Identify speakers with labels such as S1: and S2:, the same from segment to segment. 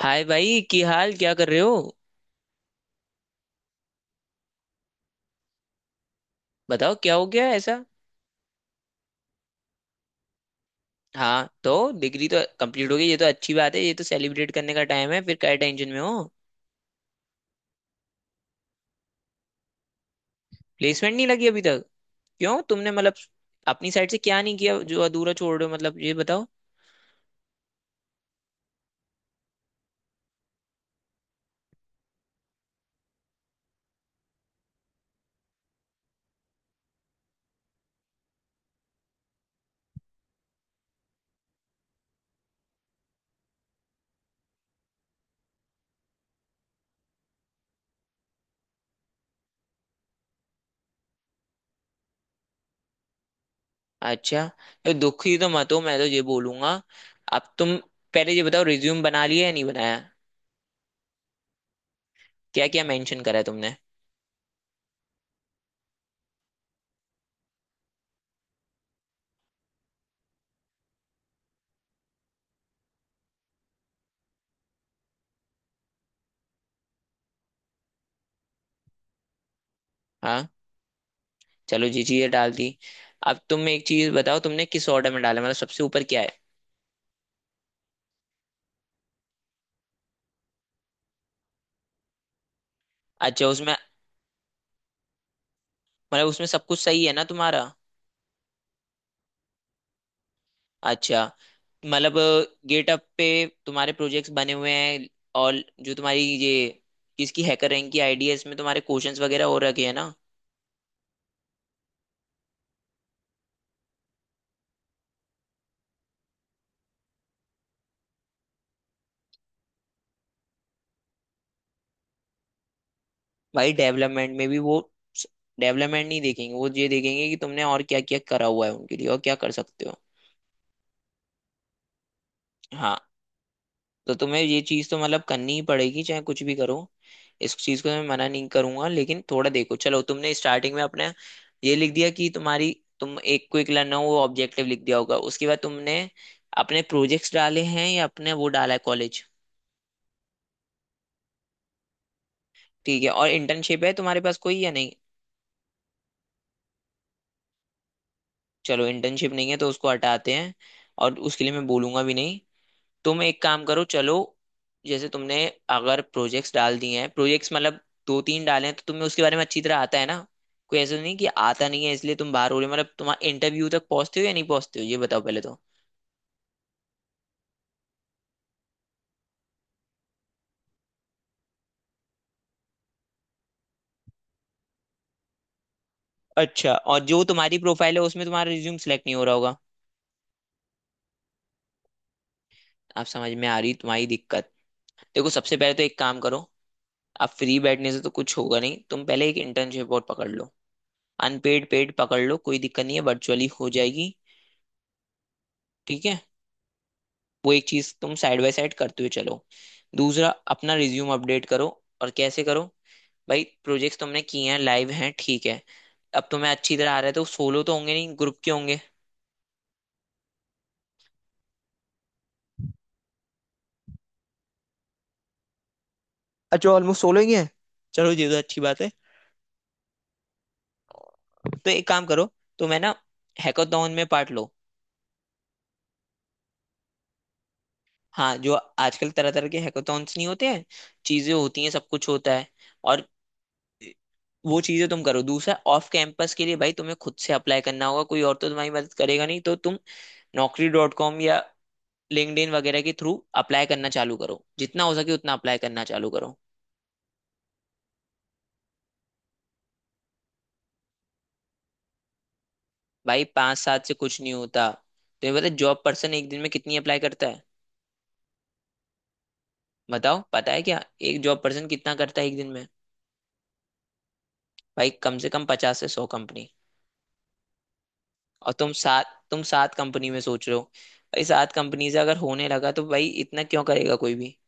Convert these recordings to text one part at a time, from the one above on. S1: हाय भाई की हाल क्या कर रहे हो? बताओ क्या हो गया ऐसा। हाँ तो डिग्री तो कंप्लीट हो गई, ये तो अच्छी बात है। ये तो सेलिब्रेट करने का टाइम है, फिर क्या टेंशन में हो? प्लेसमेंट नहीं लगी अभी तक? क्यों तुमने मतलब अपनी साइड से क्या नहीं किया जो अधूरा छोड़ रहे हो? मतलब ये बताओ। अच्छा। तो दुखी तो मत हो, मैं तो ये बोलूंगा। अब तुम पहले ये बताओ, रिज्यूम बना लिया या नहीं बनाया? क्या क्या मेंशन करा है तुमने? हाँ। चलो जी, चीजें डाल दी। अब तुम एक चीज बताओ, तुमने किस ऑर्डर में डाला? मतलब सबसे ऊपर क्या है? अच्छा उसमें। मतलब उसमें सब कुछ सही है ना तुम्हारा? अच्छा। मतलब गेटअप पे तुम्हारे प्रोजेक्ट्स बने हुए हैं। और जो तुम्हारी ये इसकी हैकर रैंक की आईडी है, इसमें तुम्हारे क्वेश्चंस वगैरह हो रखे हैं ना? भाई डेवलपमेंट में भी वो डेवलपमेंट नहीं देखेंगे, वो ये देखेंगे कि तुमने और क्या क्या करा हुआ है उनके लिए, और क्या कर सकते हो। हाँ। तो तुम्हें ये चीज तो मतलब करनी ही पड़ेगी, चाहे कुछ भी करो। इस चीज को मैं मना नहीं करूंगा, लेकिन थोड़ा देखो। चलो तुमने स्टार्टिंग में अपने ये लिख दिया कि तुम्हारी, तुम एक क्विक लर्नर हो, वो ऑब्जेक्टिव लिख दिया होगा, उसके बाद तुमने अपने प्रोजेक्ट्स डाले हैं या अपने वो डाला है कॉलेज? ठीक है। और इंटर्नशिप है तुम्हारे पास कोई या नहीं? चलो इंटर्नशिप नहीं है तो उसको हटाते हैं, और उसके लिए मैं बोलूंगा भी नहीं। तुम एक काम करो, चलो। जैसे तुमने, अगर प्रोजेक्ट्स डाल दिए हैं, प्रोजेक्ट्स मतलब दो तीन डाले हैं, तो तुम्हें उसके बारे में अच्छी तरह आता है ना? कोई ऐसा नहीं कि आता नहीं है इसलिए तुम बाहर हो रहे हो? मतलब तुम्हारा इंटरव्यू तक पहुंचते हो या नहीं पहुंचते हो, ये बताओ पहले तो। अच्छा। और जो तुम्हारी प्रोफाइल है, उसमें तुम्हारा रिज्यूम सेलेक्ट नहीं हो रहा होगा। आप समझ में आ रही तुम्हारी दिक्कत? देखो सबसे पहले तो एक काम करो। आप फ्री बैठने से तो कुछ होगा नहीं, तुम पहले एक इंटर्नशिप और पकड़ लो। अनपेड पेड पकड़ लो, कोई दिक्कत नहीं है, वर्चुअली हो जाएगी। ठीक है। वो एक चीज तुम साइड बाय साइड करते हुए चलो। दूसरा, अपना रिज्यूम अपडेट करो। और कैसे करो? भाई प्रोजेक्ट्स तुमने किए हैं, लाइव हैं, ठीक है। अब तुम्हें अच्छी तरह आ रहा है तो सोलो तो होंगे नहीं, ग्रुप के होंगे। अच्छा ऑलमोस्ट सोलो ही है। चलो ये तो अच्छी बात है। तो एक काम करो। तुम है ना, हैकाथॉन में पार्ट लो। हाँ जो आजकल तरह तरह के हैकाथॉन्स नहीं होते हैं, चीजें होती हैं, सब कुछ होता है। और वो चीजें तुम करो। दूसरा ऑफ कैंपस के लिए भाई तुम्हें खुद से अप्लाई करना होगा, कोई और तो तुम्हारी मदद करेगा नहीं। तो तुम नौकरी डॉट कॉम या लिंक्डइन वगैरह के थ्रू अप्लाई करना चालू करो, जितना हो सके उतना अप्लाई करना चालू करो। भाई पांच सात से कुछ नहीं होता। तुम्हें पता जॉब पर्सन एक दिन में कितनी अप्लाई करता है? बताओ पता है क्या? एक जॉब पर्सन कितना करता है एक दिन में? भाई कम से कम पचास से सौ कंपनी। और तुम सात, तुम सात कंपनी में सोच रहे हो? भाई सात कंपनी से अगर होने लगा तो भाई इतना क्यों करेगा कोई भी?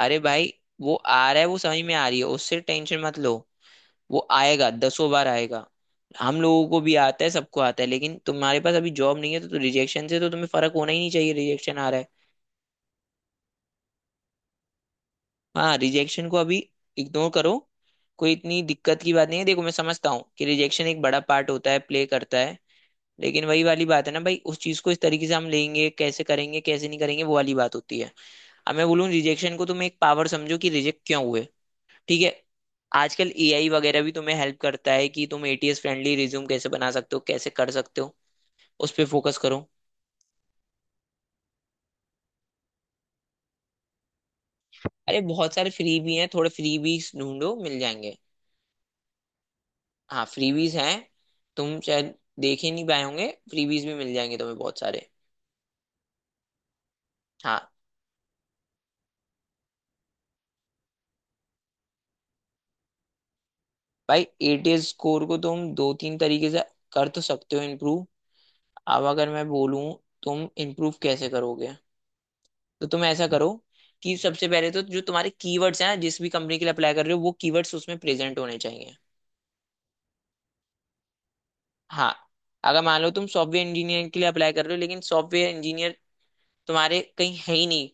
S1: अरे भाई। वो आ रहा है, वो समझ में आ रही है, उससे टेंशन मत लो। वो आएगा, दसों बार आएगा। हम लोगों को भी आता है, सबको आता है, लेकिन तुम्हारे पास अभी जॉब नहीं है, तो रिजेक्शन से तो तुम्हें फर्क होना ही नहीं चाहिए, रिजेक्शन आ रहा है। हाँ। रिजेक्शन को अभी इग्नोर करो। कोई इतनी दिक्कत की बात नहीं है। देखो मैं समझता हूँ कि रिजेक्शन एक बड़ा पार्ट होता है, प्ले करता है। लेकिन वही वाली बात है ना भाई, उस चीज को इस तरीके से हम लेंगे, कैसे करेंगे कैसे नहीं करेंगे, वो वाली बात होती है। अब मैं बोलूँ रिजेक्शन को तुम एक पावर समझो कि रिजेक्ट क्यों हुए। ठीक है। आजकल एआई वगैरह भी तुम्हें हेल्प करता है कि तुम एटीएस फ्रेंडली रिज्यूम कैसे बना सकते हो, कैसे कर सकते हो। उस पर फोकस करो। अरे बहुत सारे फ्री भी हैं, थोड़े फ्री ढूंढो मिल जाएंगे। हाँ फ्रीबीज हैं, तुम शायद देख ही नहीं पाए होंगे, फ्रीबीज भी मिल जाएंगे तुम्हें बहुत सारे। हाँ। भाई एटीएस स्कोर को तुम दो तीन तरीके से कर तो सकते हो इम्प्रूव। अब अगर मैं बोलूँ तुम इम्प्रूव कैसे करोगे, तो तुम ऐसा करो कि सबसे पहले तो जो तुम्हारे कीवर्ड्स हैं, जिस भी कंपनी के लिए अप्लाई कर रहे हो वो कीवर्ड्स उसमें प्रेजेंट होने चाहिए। हाँ। अगर मान लो तुम सॉफ्टवेयर इंजीनियर के लिए अप्लाई कर रहे हो लेकिन सॉफ्टवेयर इंजीनियर तुम्हारे कहीं है ही नहीं,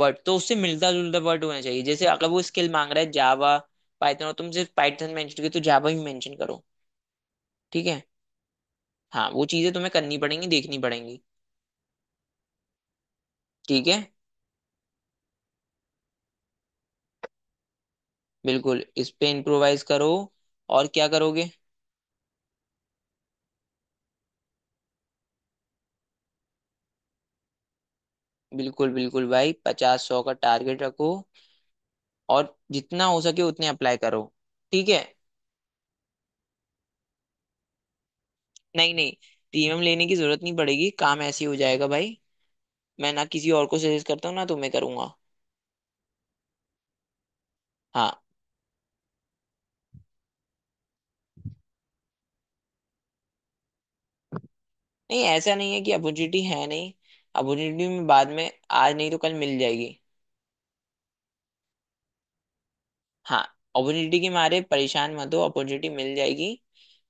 S1: वर्ड तो उससे मिलता जुलता वर्ड होना चाहिए। जैसे अगर वो स्किल मांग रहा है जावा पाइथन और तुम सिर्फ पाइथन मेंशन किया, तो जावा भी मेंशन करो। ठीक है। हाँ वो चीजें तुम्हें करनी पड़ेंगी, देखनी पड़ेंगी। ठीक है। बिल्कुल इस पे इम्प्रोवाइज करो। और क्या करोगे? बिल्कुल बिल्कुल भाई, पचास सौ का टारगेट रखो। और जितना हो सके उतने अप्लाई करो। ठीक है। नहीं नहीं, प्रीमियम लेने की जरूरत नहीं पड़ेगी, काम ऐसे ही हो जाएगा भाई। मैं ना किसी और को सजेस्ट करता हूँ ना तुम्हें करूंगा। हाँ। नहीं ऐसा नहीं है कि अपॉर्चुनिटी है नहीं। अपॉर्चुनिटी में बाद में, आज नहीं तो कल मिल जाएगी। हाँ। अपॉर्चुनिटी के मारे परेशान मत हो, अपॉर्चुनिटी मिल जाएगी।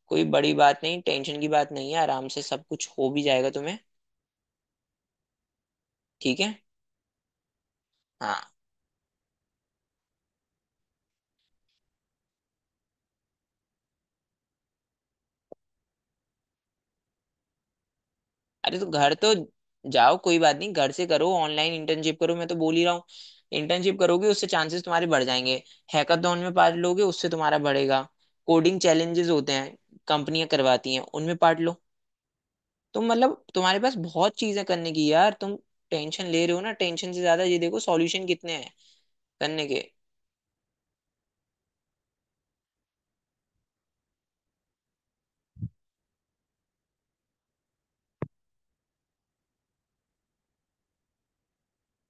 S1: कोई बड़ी बात नहीं, टेंशन की बात नहीं है, आराम से सब कुछ हो भी जाएगा तुम्हें। ठीक है। हाँ। अरे तो घर तो जाओ, कोई बात नहीं, घर से करो, ऑनलाइन इंटर्नशिप करो, मैं तो बोल ही रहा हूँ। इंटर्नशिप करोगे उससे चांसेस तुम्हारे बढ़ जाएंगे। हैकाथॉन में पार्ट लोगे उससे तुम्हारा बढ़ेगा। कोडिंग चैलेंजेस होते हैं, कंपनियां करवाती हैं, उनमें पार्ट लो। तुम मतलब तुम्हारे पास बहुत चीजें करने की यार। तुम टेंशन ले रहे हो ना? टेंशन से ज्यादा ये देखो सॉल्यूशन कितने हैं करने के।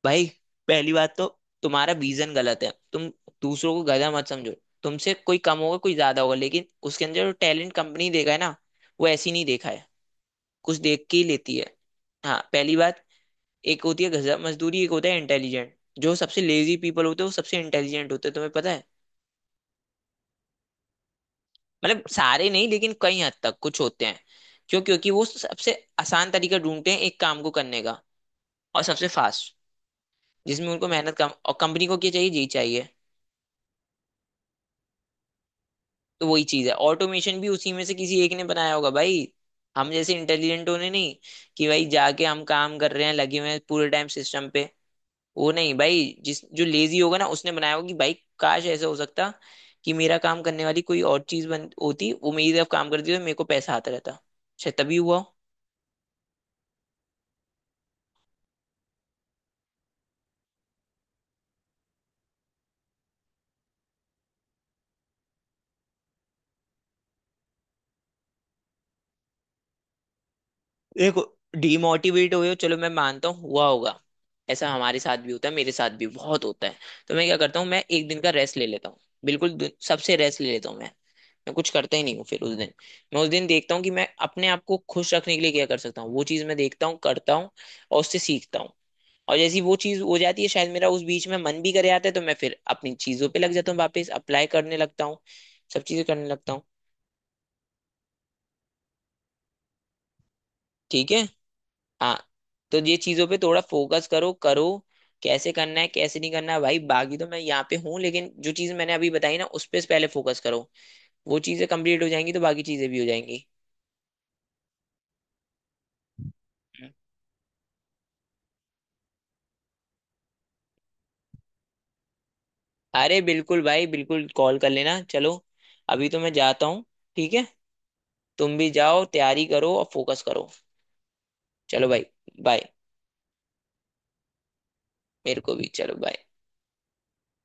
S1: भाई पहली बात तो तुम्हारा विजन गलत है। तुम दूसरों को गधा मत समझो। तुमसे कोई कम होगा कोई ज्यादा होगा, लेकिन उसके अंदर जो टैलेंट कंपनी देखा है ना, वो ऐसी नहीं देखा है, कुछ देख के ही लेती है। हाँ पहली बात, एक होती है गधा मजदूरी, एक होता है इंटेलिजेंट। जो सबसे लेजी पीपल होते हैं वो सबसे इंटेलिजेंट होते हैं, तुम्हें पता है? मतलब सारे नहीं, लेकिन कई हद तक कुछ होते हैं। क्यों? क्योंकि वो सबसे आसान तरीका ढूंढते हैं एक काम को करने का, और सबसे फास्ट, जिसमें उनको मेहनत कम, और कंपनी को क्या चाहिए, यही चाहिए। तो वही चीज है, ऑटोमेशन भी उसी में से किसी एक ने बनाया होगा भाई। हम जैसे इंटेलिजेंट होने नहीं कि भाई जाके हम काम कर रहे हैं, लगे हुए हैं पूरे टाइम सिस्टम पे, वो नहीं भाई। जिस जो लेजी होगा ना उसने बनाया होगा कि भाई काश ऐसा हो सकता कि मेरा काम करने वाली कोई और चीज बन होती, वो मेरी तरफ काम करती तो मेरे को पैसा आता रहता। शायद तभी हुआ हो। देखो, डिमोटिवेट हुए हो चलो मैं मानता हूँ हुआ होगा। ऐसा हमारे साथ भी होता है, मेरे साथ भी बहुत होता है। तो मैं क्या करता हूँ, मैं एक दिन का रेस्ट ले लेता हूँ। बिल्कुल सबसे रेस्ट ले लेता हूँ मैं। मैं कुछ करता ही नहीं हूँ फिर उस दिन। मैं उस दिन देखता हूँ कि मैं अपने आप को खुश रखने के लिए क्या कर सकता हूँ, वो चीज़ मैं देखता हूँ करता हूँ। और उससे सीखता हूँ। और जैसी वो चीज़ हो जाती है, शायद मेरा उस बीच में मन भी करे आता है, तो मैं फिर अपनी चीज़ों पे लग जाता हूँ, वापस अप्लाई करने लगता हूँ, सब चीज़ें करने लगता हूँ। ठीक है। हाँ। तो ये चीजों पे थोड़ा फोकस करो करो। कैसे करना है कैसे नहीं करना है भाई, बाकी तो मैं यहाँ पे हूँ, लेकिन जो चीज मैंने अभी बताई ना उस पे पहले फोकस करो। वो चीजें कंप्लीट हो जाएंगी तो बाकी चीजें भी हो जाएंगी। हम्म। अरे बिल्कुल भाई, बिल्कुल कॉल कर लेना। चलो अभी तो मैं जाता हूँ। ठीक है। तुम भी जाओ, तैयारी करो और फोकस करो। चलो भाई। बाय। मेरे को भी, चलो bye।